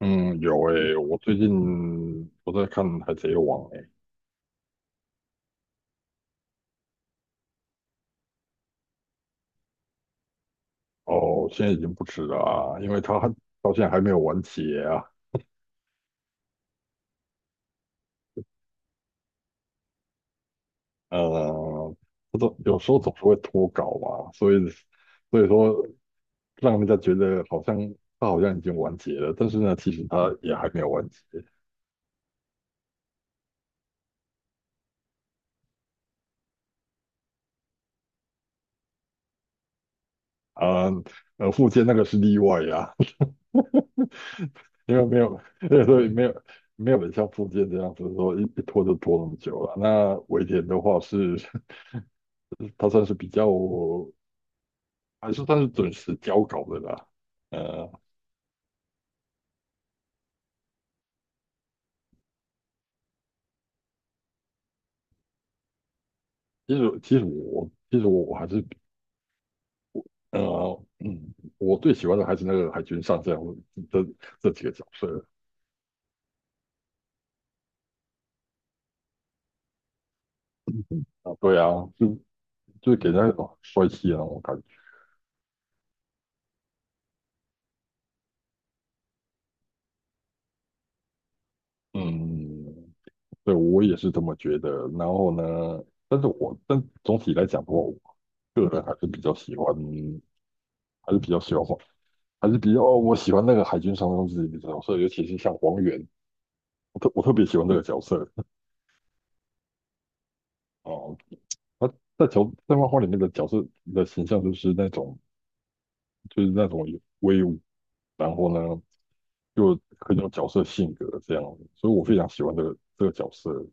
嗯，有诶、我最近在看《海贼王》诶、哦，现在已经不止了啊，因为他到现在还没有完结啊。呃，不都有时候总是会脱稿嘛，所以说让人家觉得好像他好像已经完结了，但是呢，其实他也还没有完结啊。富坚那个是例外啊，因为没有，所以没有人像富坚这样子说一拖就拖那么久了。那尾田的话是，他算是比较。还是算是准时交稿的啦。呃，其实我还是我最喜欢的还是那个海军上将这几个角色。啊，对啊，就就给人家一种帅气的那种感觉。嗯，对，我也是这么觉得。然后呢，但是我但总体来讲的话，我个人还是比较喜欢，还是比较喜欢黄，还是比较哦我喜欢那个海军上将自己的角色，尤其是像黄猿，我特别喜欢这个角色。哦，他在漫画里面的角色的形象就是那种有威武，然后呢又很有角色性格，这样所以我非常喜欢这个角色。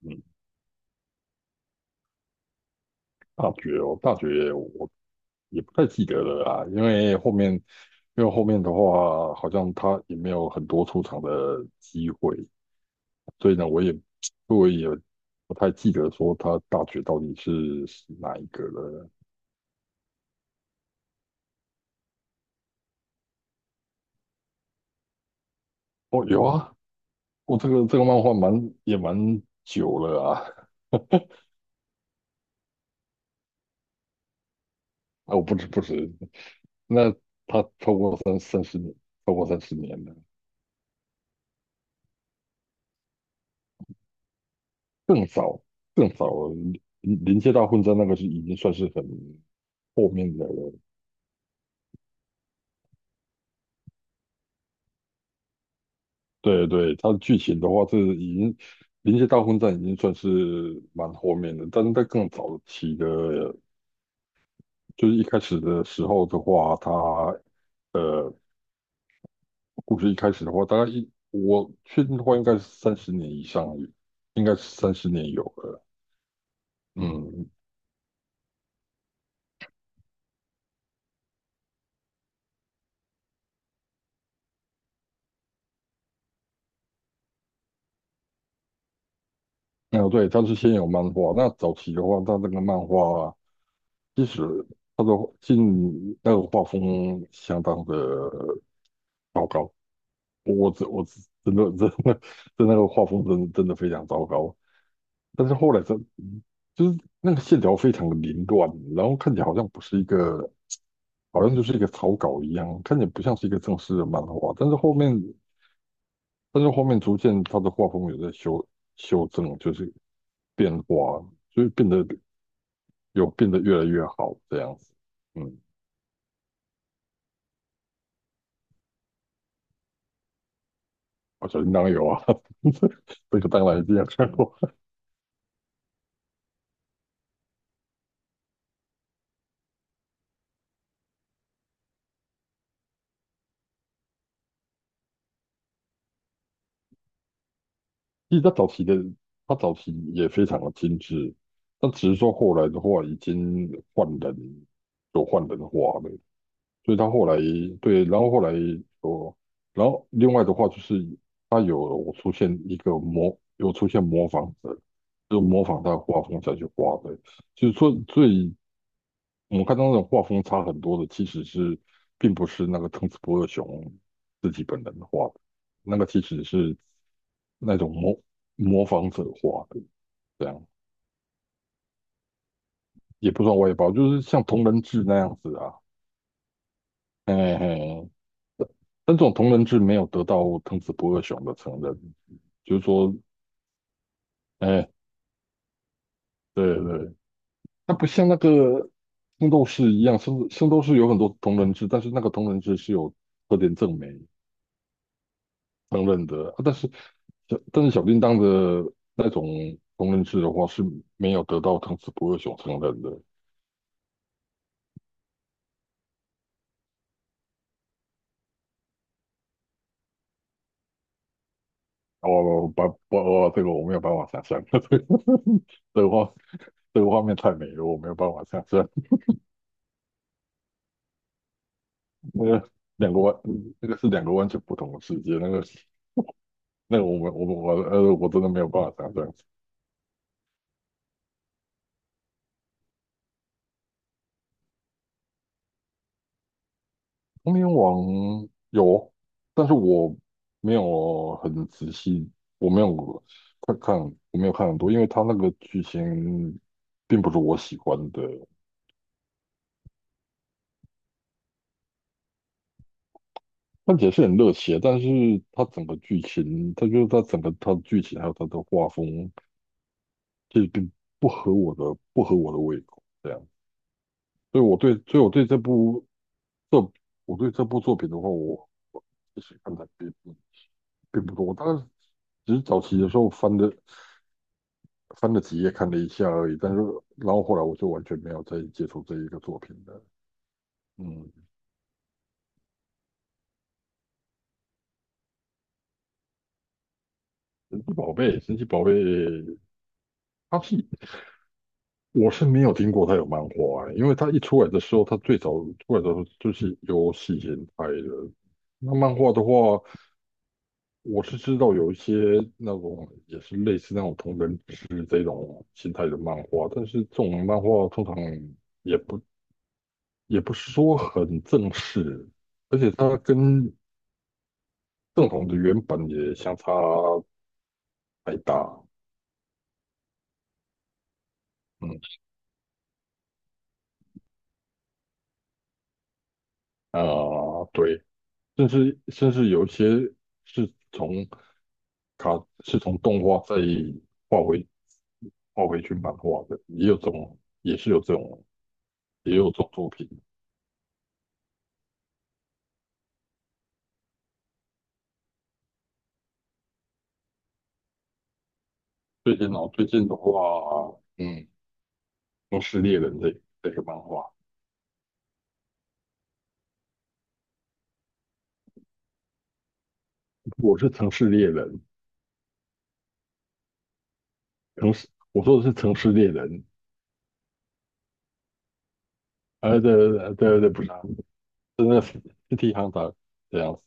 嗯，大绝哦，大绝我也不太记得了啊，因为后面的话好像他也没有很多出场的机会，所以呢我也不太记得说他大绝到底是哪一个了。哦，有啊，我、这个漫画蛮也蛮久了啊。哦，不止不止，那他超过三十年，超过三十年了，更早更早，临临界大混战那个是已经算是很后面的了。对对，它的剧情的话是已经临界大混战已经算是蛮后面的，但是在更早期的，就是一开始的时候的话，它呃故事一开始的话，大概我确定的话应该是三十年以上，应该是三十年有了。嗯，哦，对，它是先有漫画。那早期的话，它那个漫画其实它的那个画风相当的糟糕。我只真的的真的那个画风真的非常糟糕。但是后来就是那个线条非常的凌乱，然后看起来好像不是一个，好像就是一个草稿一样，看起来不像是一个正式的漫画。但是后面，但是后面逐渐它的画风有在修正，就是变化，所以变得变得越来越好这样子。嗯，我小叮当有啊，这个当然一定要看过。其实他早期也非常的精致，但只是说后来的话已经换人，有换人化了，所以他后来，对，然后后来说，然后另外的话就是他有出现一个模，有出现模仿者，就模仿他的画风下去画的，就是说最我们看到那种画风差很多的，其实是并不是那个藤子不二雄自己本人画的，那个其实是那种模仿者画的，这样也不算外包，就是像同人志那样子啊，嘿嘿。但这种同人志没有得到藤子不二雄的承认，就是说，哎，对对，它不像那个圣斗士一样，圣斗士有很多同人志，但是那个同人志是有特点证明承认的，啊但是。但是小叮当的那种烹人师的话是没有得到汤匙不二熊承认的。哦，不不哦，这个我没有办法想象，这个这个画面太美了，我没有办法想象。那个两个完，那个是两个完全不同的世界。那个我们我真的没有办法想象。童年王有，但是我没有很仔细，我没有看看，我没有看很多，因为他那个剧情并不是我喜欢的。看起来是很热血，但是它整个剧情，它就是它整个它的剧情还有它的画风，就是并不合我的不合我的胃口，这样，所以所以我对这部这我对这部作品的话，我其实看的并不并不多，我大概只是早期的时候翻了几页看了一下而已，但是然后后来我就完全没有再接触这一个作品了。嗯，神奇宝贝，神奇宝贝，它是我是没有听过他有漫画欸，因为他一出来的时候，他最早出来的时候就是游戏形态的。那漫画的话，我是知道有一些那种也是类似那种同人志这种形态的漫画，但是这种漫画通常也不也不是说很正式，而且它跟正统的原版也相差太大。嗯，啊、对。甚至有一些是从卡是从动画再画回画回去漫画的，也有这种，也是有这种，也有这种作品。最近哦，最近的话，嗯，《城市猎人》这个漫画，我是《城市猎人》，城市，我说的是《城市猎人》。对对对对对，不是啊，真的是《City h t e r 这样子。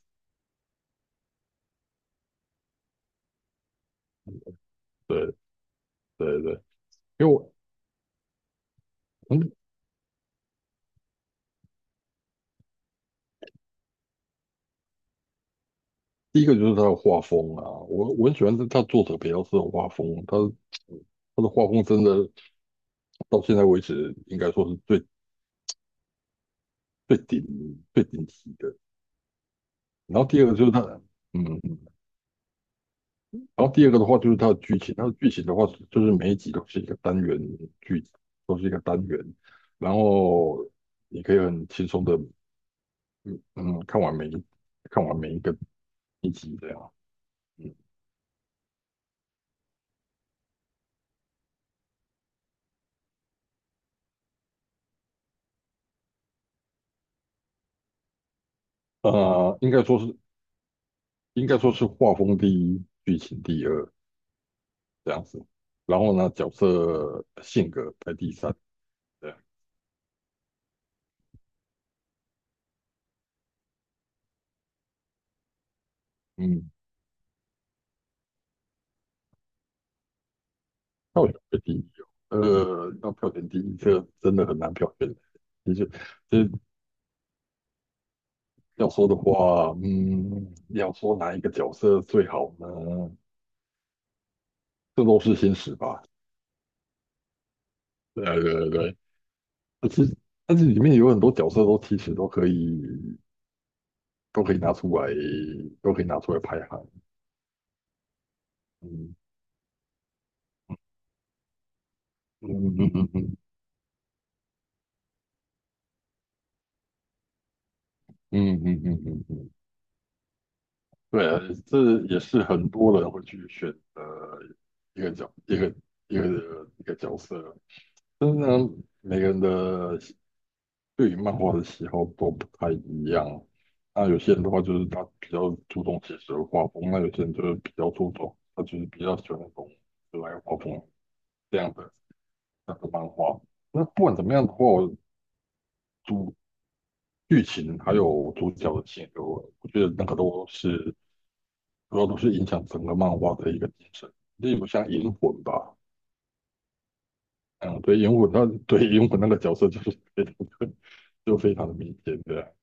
对对对，因为我。第一个就是他的画风啊，我很喜欢他，他作者比较司的画风，他他的画风真的到现在为止应该说是最最顶级的。然后第二个就是他，嗯，嗯，然后第二个的话就是他的剧情，他的剧情的话就是每一集都是一个单元，剧集都是一个单元，然后你可以很轻松的，嗯嗯，看完每一个一集这样，嗯，呃，应该说是应该说是画风第一，剧情第二。这样子。然后呢，角色性格排第三，这样，嗯，票选排第一哦。要票选第一，这个真的很难票选。其实，其实要说的话，嗯，要说哪一个角色最好呢？这都是心史吧。对啊对对，对其实但是里面有很多角色都其实都可以，都可以拿出来，都可以拿出来排行。嗯嗯嗯嗯嗯嗯嗯嗯嗯嗯。嗯嗯嗯嗯，对啊，这也是很多人会去选的一个角一个一个一个角色，但是呢，每个人的喜对于漫画的喜好都不太一样。那有些人的话就是他比较注重写实的画风，那有些人就是比较注重，他就是比较喜欢那种可爱画风这样的那个漫画。那不管怎么样的话，主剧情还有主角的性格，我觉得那个都是。主要都是影响整个漫画的一个精神。例如像银魂吧，嗯，对银魂那个角色就是 非常就非常的明显的，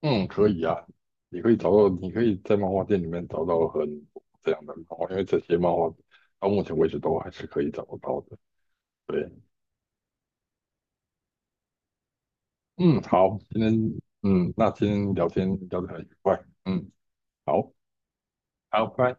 嗯，可以啊，你可以找到，你可以在漫画店里面找到很多这样的漫画，因为这些漫画到目前为止都还是可以找得到的。对，嗯，好，今天，嗯，那今天聊天聊得很愉快，嗯，好，好，拜。